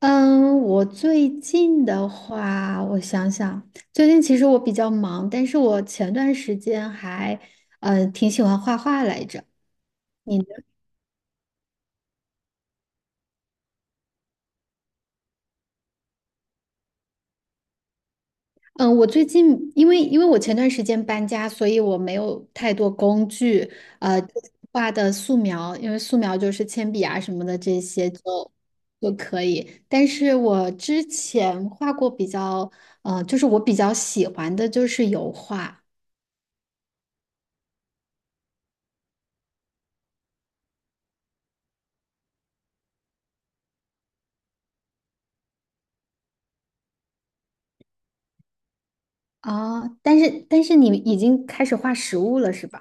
嗯，我最近的话，我想想，最近其实我比较忙，但是我前段时间还，挺喜欢画画来着。你呢？嗯，我最近因为我前段时间搬家，所以我没有太多工具，就是画的素描，因为素描就是铅笔啊什么的这些就可以。但是我之前画过比较，就是我比较喜欢的就是油画。哦，但是你已经开始画实物了是吧？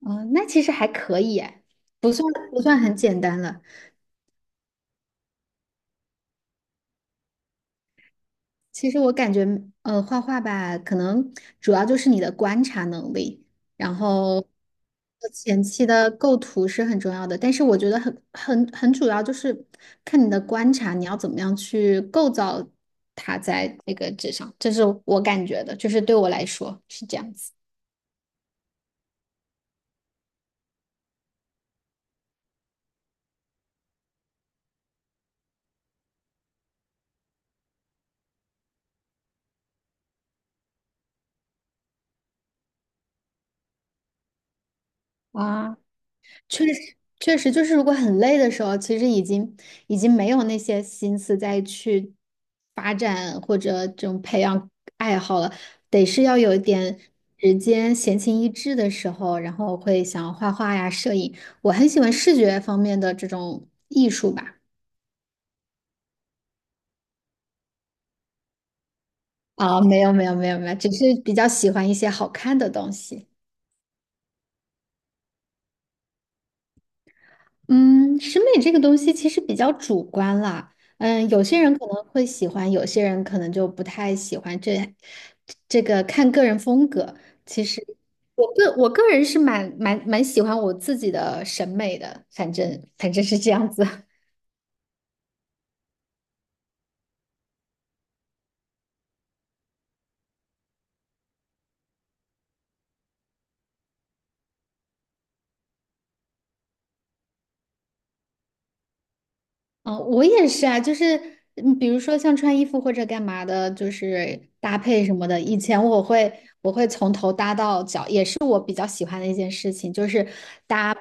嗯，那其实还可以哎，不算很简单了。其实我感觉，画画吧，可能主要就是你的观察能力，然后前期的构图是很重要的。但是我觉得很主要就是看你的观察，你要怎么样去构造它在那个纸上，这是我感觉的，就是对我来说是这样子。啊。确实，确实，就是如果很累的时候，其实已经没有那些心思再去发展或者这种培养爱好了，得是要有一点时间闲情逸致的时候，然后会想要画画呀、摄影。我很喜欢视觉方面的这种艺术吧。啊、没有，没有，没有，没有，只是比较喜欢一些好看的东西。嗯，审美这个东西其实比较主观啦。嗯，有些人可能会喜欢，有些人可能就不太喜欢这，这个看个人风格。其实我个人是蛮喜欢我自己的审美的，反正是这样子。哦，我也是啊，就是嗯比如说像穿衣服或者干嘛的，就是搭配什么的。以前我会从头搭到脚，也是我比较喜欢的一件事情，就是搭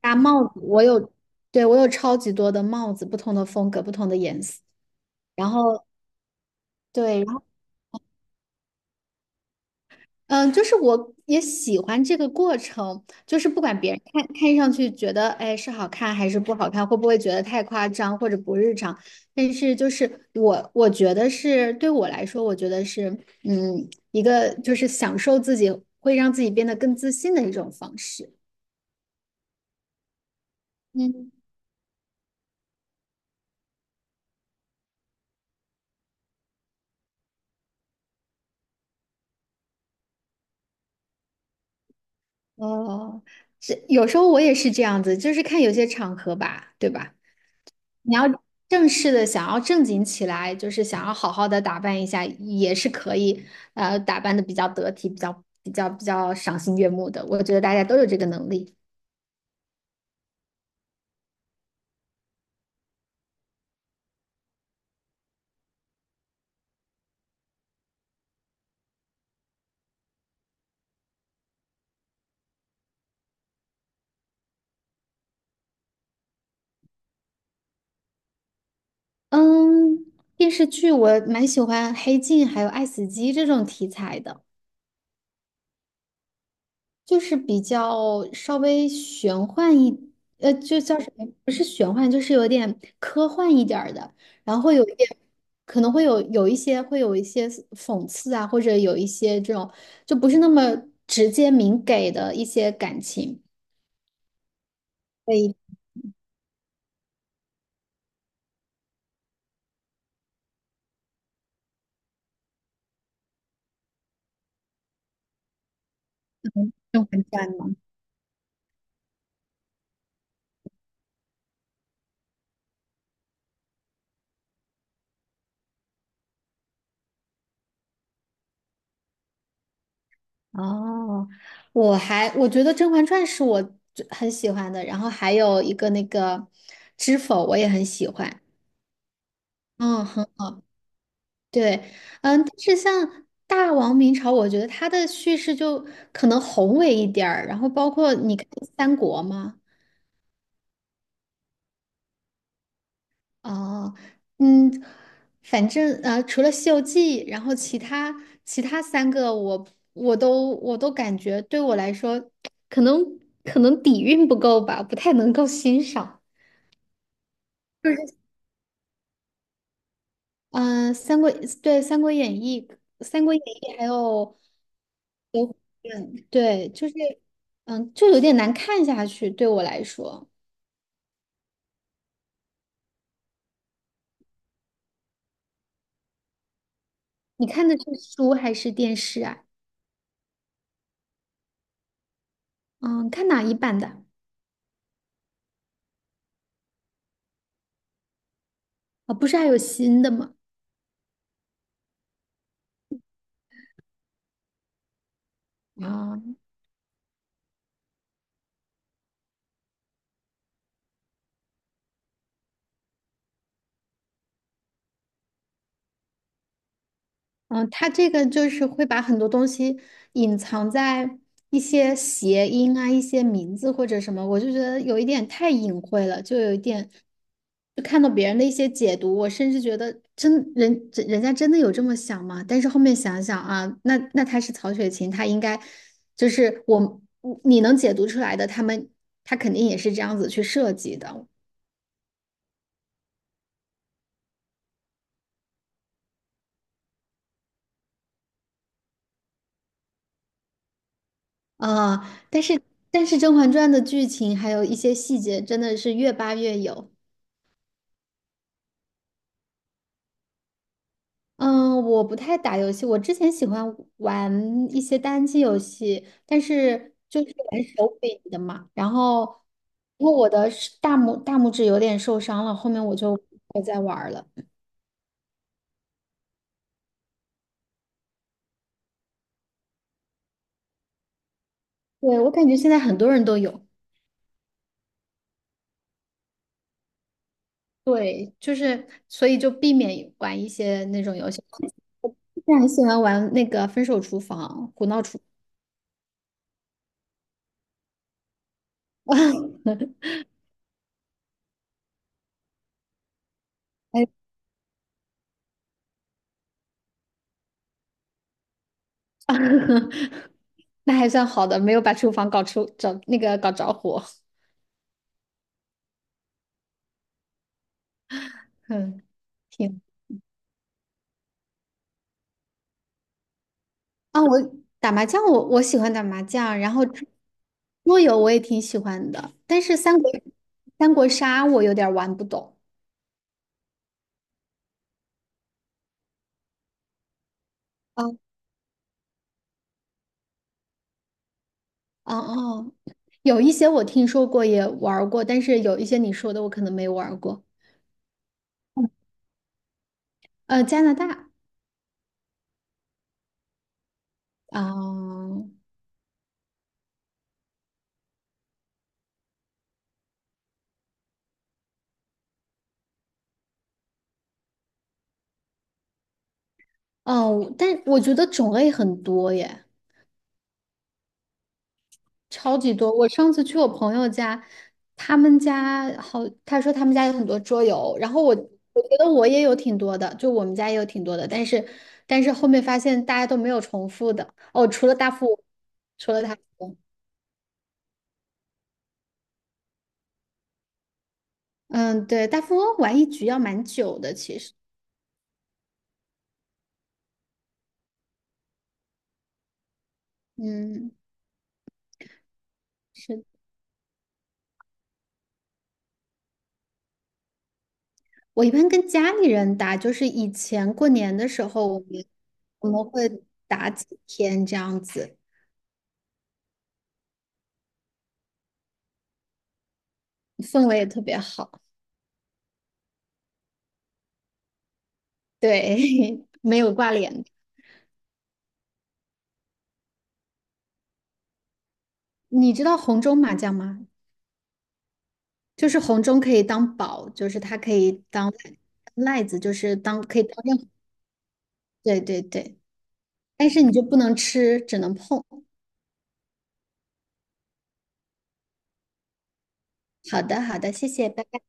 搭帽子。我有，对，我有超级多的帽子，不同的风格，不同的颜色。然后对，然后。嗯，就是我也喜欢这个过程，就是不管别人看看上去觉得，哎，是好看还是不好看，会不会觉得太夸张或者不日常，但是就是我觉得是对我来说，我觉得是嗯一个就是享受自己，会让自己变得更自信的一种方式。嗯，哦，这有时候我也是这样子，就是看有些场合吧，对吧？你要正式的想要正经起来，就是想要好好的打扮一下，也是可以，打扮的比较得体，比较赏心悦目的。我觉得大家都有这个能力。嗯，电视剧我蛮喜欢《黑镜》还有《爱死机》这种题材的。就是比较稍微玄幻一，就叫什么？不是玄幻，就是有点科幻一点儿的，然后会有一点，可能会有一些讽刺啊，或者有一些这种就不是那么直接明给的一些感情。所以《甄嬛传》吗？哦，我还我觉得《甄嬛传》是我最很喜欢的，然后还有一个那个《知否》我也很喜欢。嗯，对，嗯，但是像《大王明朝》，我觉得它的叙事就可能宏伟一点儿，然后包括你看三国嘛，哦，嗯，反正除了《西游记》，然后其他三个我，我都感觉对我来说，可能可能底蕴不够吧，不太能够欣赏。嗯，三国对《三国演义》《三国演义》还有《嗯，对，就是嗯，就有点难看下去，对我来说。你看的是书还是电视啊？嗯，看哪一版的？啊，不是还有新的吗？啊。嗯，它这个就是会把很多东西隐藏在一些谐音啊、一些名字或者什么，我就觉得有一点太隐晦了，就有一点，就看到别人的一些解读，我甚至觉得真人家真的有这么想吗？但是后面想想啊，那他是曹雪芹，他应该就是我你能解读出来的，他肯定也是这样子去设计的。啊、但是但是《甄嬛传》的剧情还有一些细节真的是越扒越有。嗯，我不太打游戏，我之前喜欢玩一些单机游戏，但是就是玩手柄的嘛。然后，因为我的是大拇指有点受伤了，后面我就不再玩儿了。对，我感觉现在很多人都有，对，就是所以就避免玩一些那种游戏。之前很喜欢玩那个《分手厨房》《胡闹厨房》哎，那还算好的，没有把厨房搞出找那个搞着火。嗯。挺啊，我打麻将，我喜欢打麻将，然后桌游我也挺喜欢的，但是三国三国杀我有点儿玩不懂。啊啊哦，有一些我听说过也玩儿过，但是有一些你说的我可能没玩儿过。呃，加拿大啊，哦，但我觉得种类很多耶。超级多。我上次去我朋友家，他们家好，他说他们家有很多桌游，然后我觉得我也有挺多的，就我们家也有挺多的，但是但是后面发现大家都没有重复的哦，除了大富翁，除了大富翁，嗯，对，大富翁玩一局要蛮久的，其实，嗯，是的我一般跟家里人打，就是以前过年的时候，我们会打几天这样子，氛围也特别好，对，没有挂脸。你知道红中麻将吗？就是红中可以当宝，就是它可以当赖子，就是当可以当任何。对对对，但是你就不能吃，只能碰。好的好的，谢谢，拜拜。